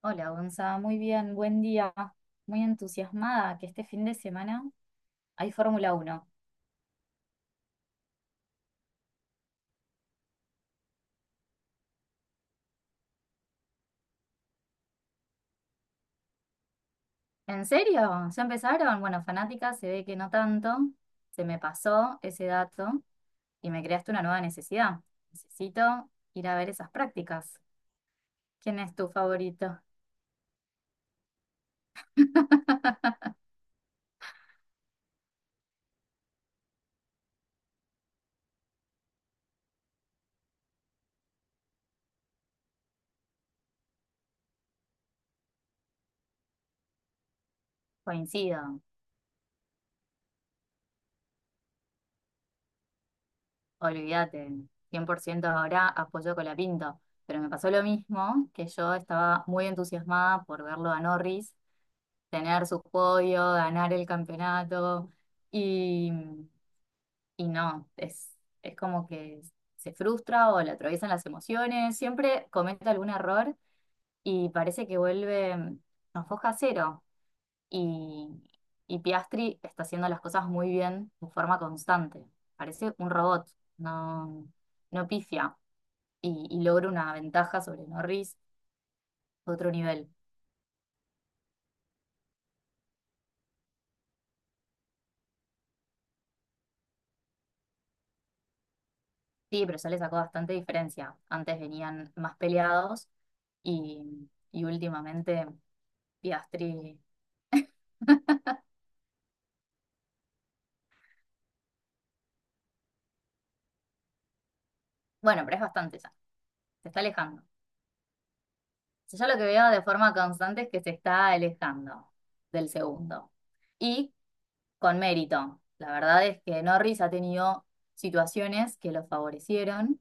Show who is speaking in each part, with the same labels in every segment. Speaker 1: Hola, Gonza, muy bien, buen día. Muy entusiasmada que este fin de semana hay Fórmula 1. ¿En serio? ¿Ya empezaron? Bueno, fanática, se ve que no tanto. Se me pasó ese dato y me creaste una nueva necesidad. Necesito ir a ver esas prácticas. ¿Quién es tu favorito? Coincido, olvídate. 100% ahora apoyo a Colapinto. Pero me pasó lo mismo, que yo estaba muy entusiasmada por verlo a Norris tener su podio, ganar el campeonato y, y no, es como que se frustra o le atraviesan las emociones, siempre comete algún error y parece que vuelve a foja cero y, y Piastri está haciendo las cosas muy bien de forma constante, parece un robot, no, no pifia y logra una ventaja sobre Norris, otro nivel. Sí, pero ya le sacó bastante diferencia. Antes venían más peleados y últimamente Piastri. Bueno, pero es bastante ya. Se está alejando. Yo ya lo que veo de forma constante es que se está alejando del segundo. Y con mérito. La verdad es que Norris ha tenido situaciones que lo favorecieron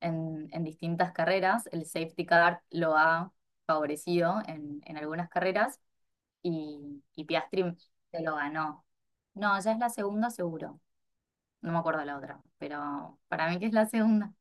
Speaker 1: en distintas carreras. El safety car lo ha favorecido en algunas carreras y Piastri se lo ganó. No, ya es la segunda seguro. No me acuerdo la otra, pero para mí que es la segunda.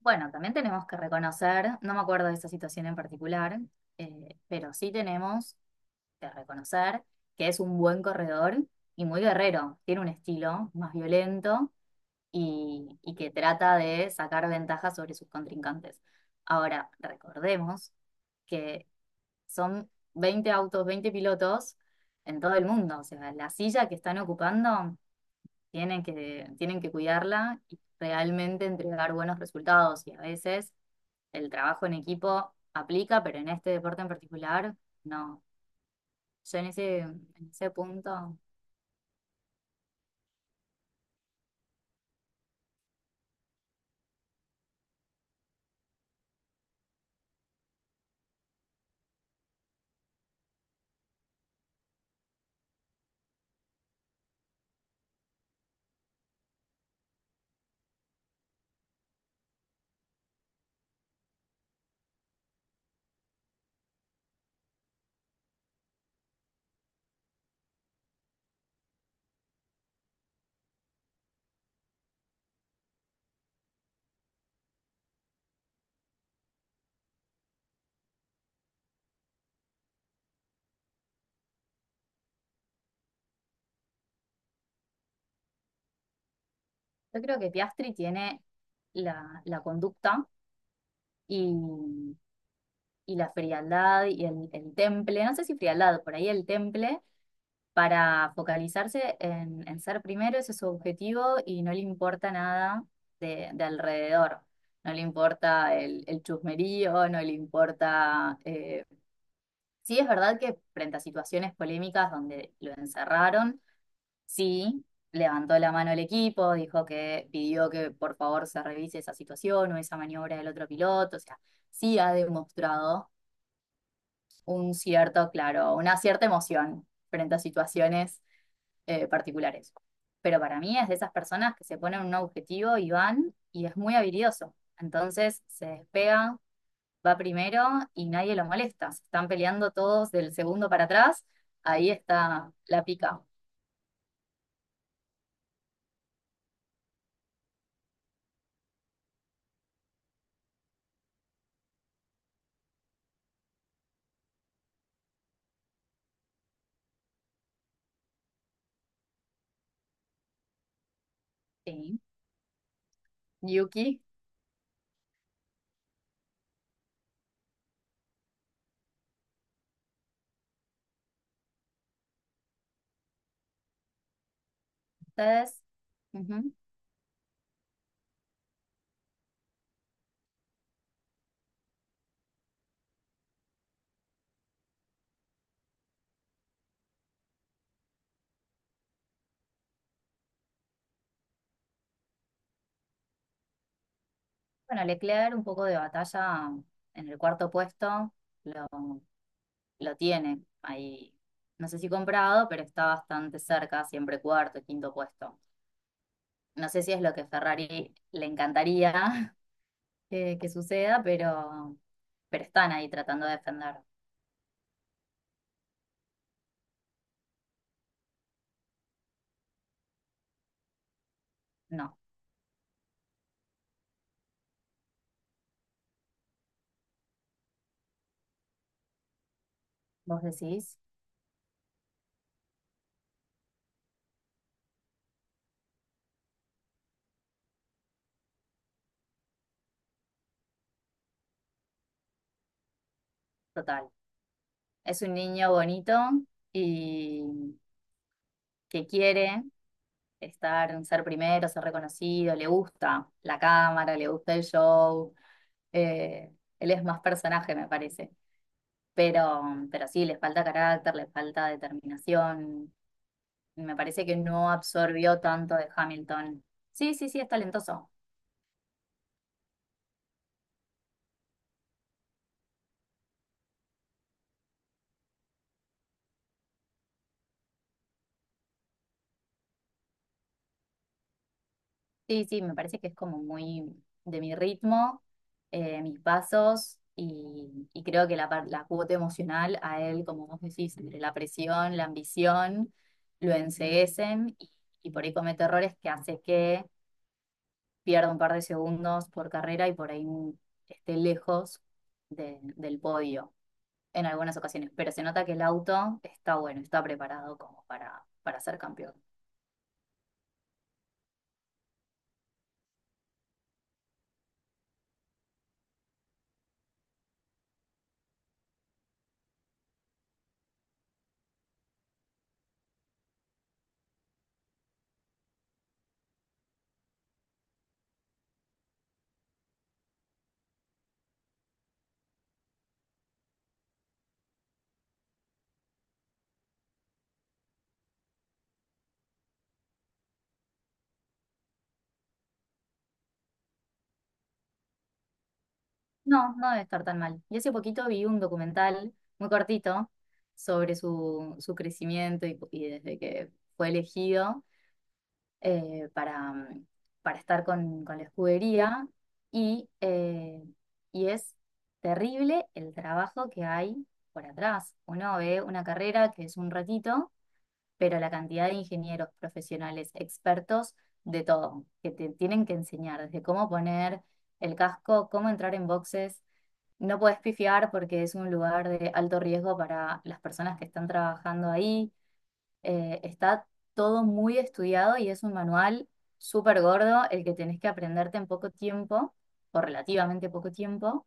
Speaker 1: Bueno, también tenemos que reconocer, no me acuerdo de esa situación en particular, pero sí tenemos que reconocer que es un buen corredor y muy guerrero. Tiene un estilo más violento y que trata de sacar ventaja sobre sus contrincantes. Ahora, recordemos que son 20 autos, 20 pilotos en todo el mundo. O sea, la silla que están ocupando tienen que cuidarla y realmente entregar buenos resultados. Y a veces el trabajo en equipo aplica, pero en este deporte en particular, no. Yo en ese punto, yo creo que Piastri tiene la conducta y, y la frialdad y el temple, no sé si frialdad, por ahí el temple para focalizarse en ser primero, ese es su objetivo y no le importa nada de alrededor. No le importa el chusmerío, no le importa... Sí, es verdad que frente a situaciones polémicas donde lo encerraron, sí, levantó la mano el equipo, dijo que pidió que por favor se revise esa situación o esa maniobra del otro piloto, o sea, sí ha demostrado un cierto, claro, una cierta emoción frente a situaciones particulares. Pero para mí es de esas personas que se ponen un objetivo y van y es muy habilidoso. Entonces se despega, va primero y nadie lo molesta. Se están peleando todos del segundo para atrás. Ahí está la pica. Sí. Yuki, ustedes. Ujú. Bueno, Leclerc, un poco de batalla en el cuarto puesto, lo, lo tiene ahí. No sé si comprado, pero está bastante cerca, siempre cuarto, quinto puesto. No sé si es lo que Ferrari le encantaría que suceda, pero están ahí tratando de defender. No, vos decís, total. Es un niño bonito y que quiere estar, ser primero, ser reconocido, le gusta la cámara, le gusta el show. eh, Él es más personaje, me parece. Pero, pero sí, le falta carácter, le falta determinación. Me parece que no absorbió tanto de Hamilton. Sí, sí, sí, es talentoso. Sí, sí, me parece que es como muy de mi ritmo, mis pasos y creo que la, la cuota emocional a él, como vos decís, entre la presión, la ambición, lo enceguecen y por ahí comete errores que hace que pierda un par de segundos por carrera y por ahí esté lejos del podio en algunas ocasiones. Pero se nota que el auto está bueno, está preparado como para ser campeón. No, no debe estar tan mal. Y hace poquito vi un documental muy cortito sobre su crecimiento y desde que fue elegido para, para estar con la escudería. Y y es terrible el trabajo que hay por atrás. Uno ve una carrera que es un ratito, pero la cantidad de ingenieros profesionales, expertos de todo, que te tienen que enseñar desde cómo poner el casco, cómo entrar en boxes no puedes pifiar porque es un lugar de alto riesgo para las personas que están trabajando ahí. Está todo muy estudiado y es un manual súper gordo el que tenés que aprenderte en poco tiempo, o relativamente poco tiempo,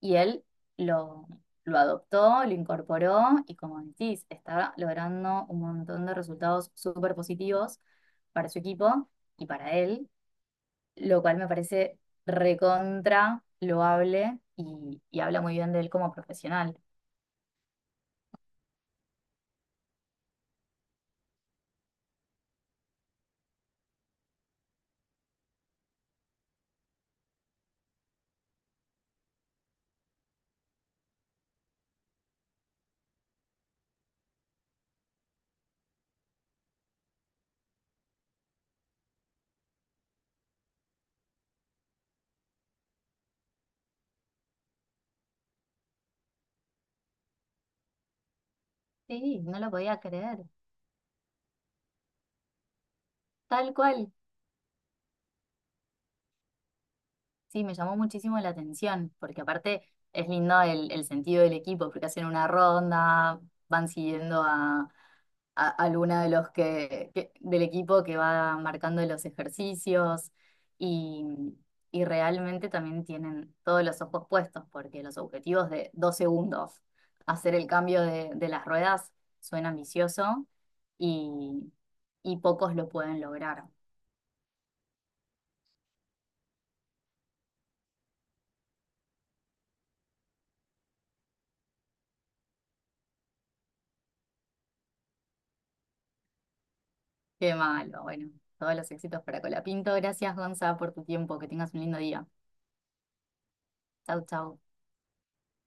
Speaker 1: y él lo, lo adoptó, lo incorporó y como decís, está logrando un montón de resultados súper positivos para su equipo y para él, lo cual me parece recontra loable y habla muy bien de él como profesional. Sí, no lo podía creer, tal cual. Sí, me llamó muchísimo la atención, porque aparte es lindo el sentido del equipo, porque hacen una ronda, van siguiendo a alguna de los que, del equipo que va marcando los ejercicios y, y realmente también tienen todos los ojos puestos porque los objetivos de 2 segundos, hacer el cambio de las ruedas, suena ambicioso y, y pocos lo pueden lograr. Qué malo, bueno, todos los éxitos para Colapinto. Gracias, Gonza, por tu tiempo. Que tengas un lindo día. Chau, chau.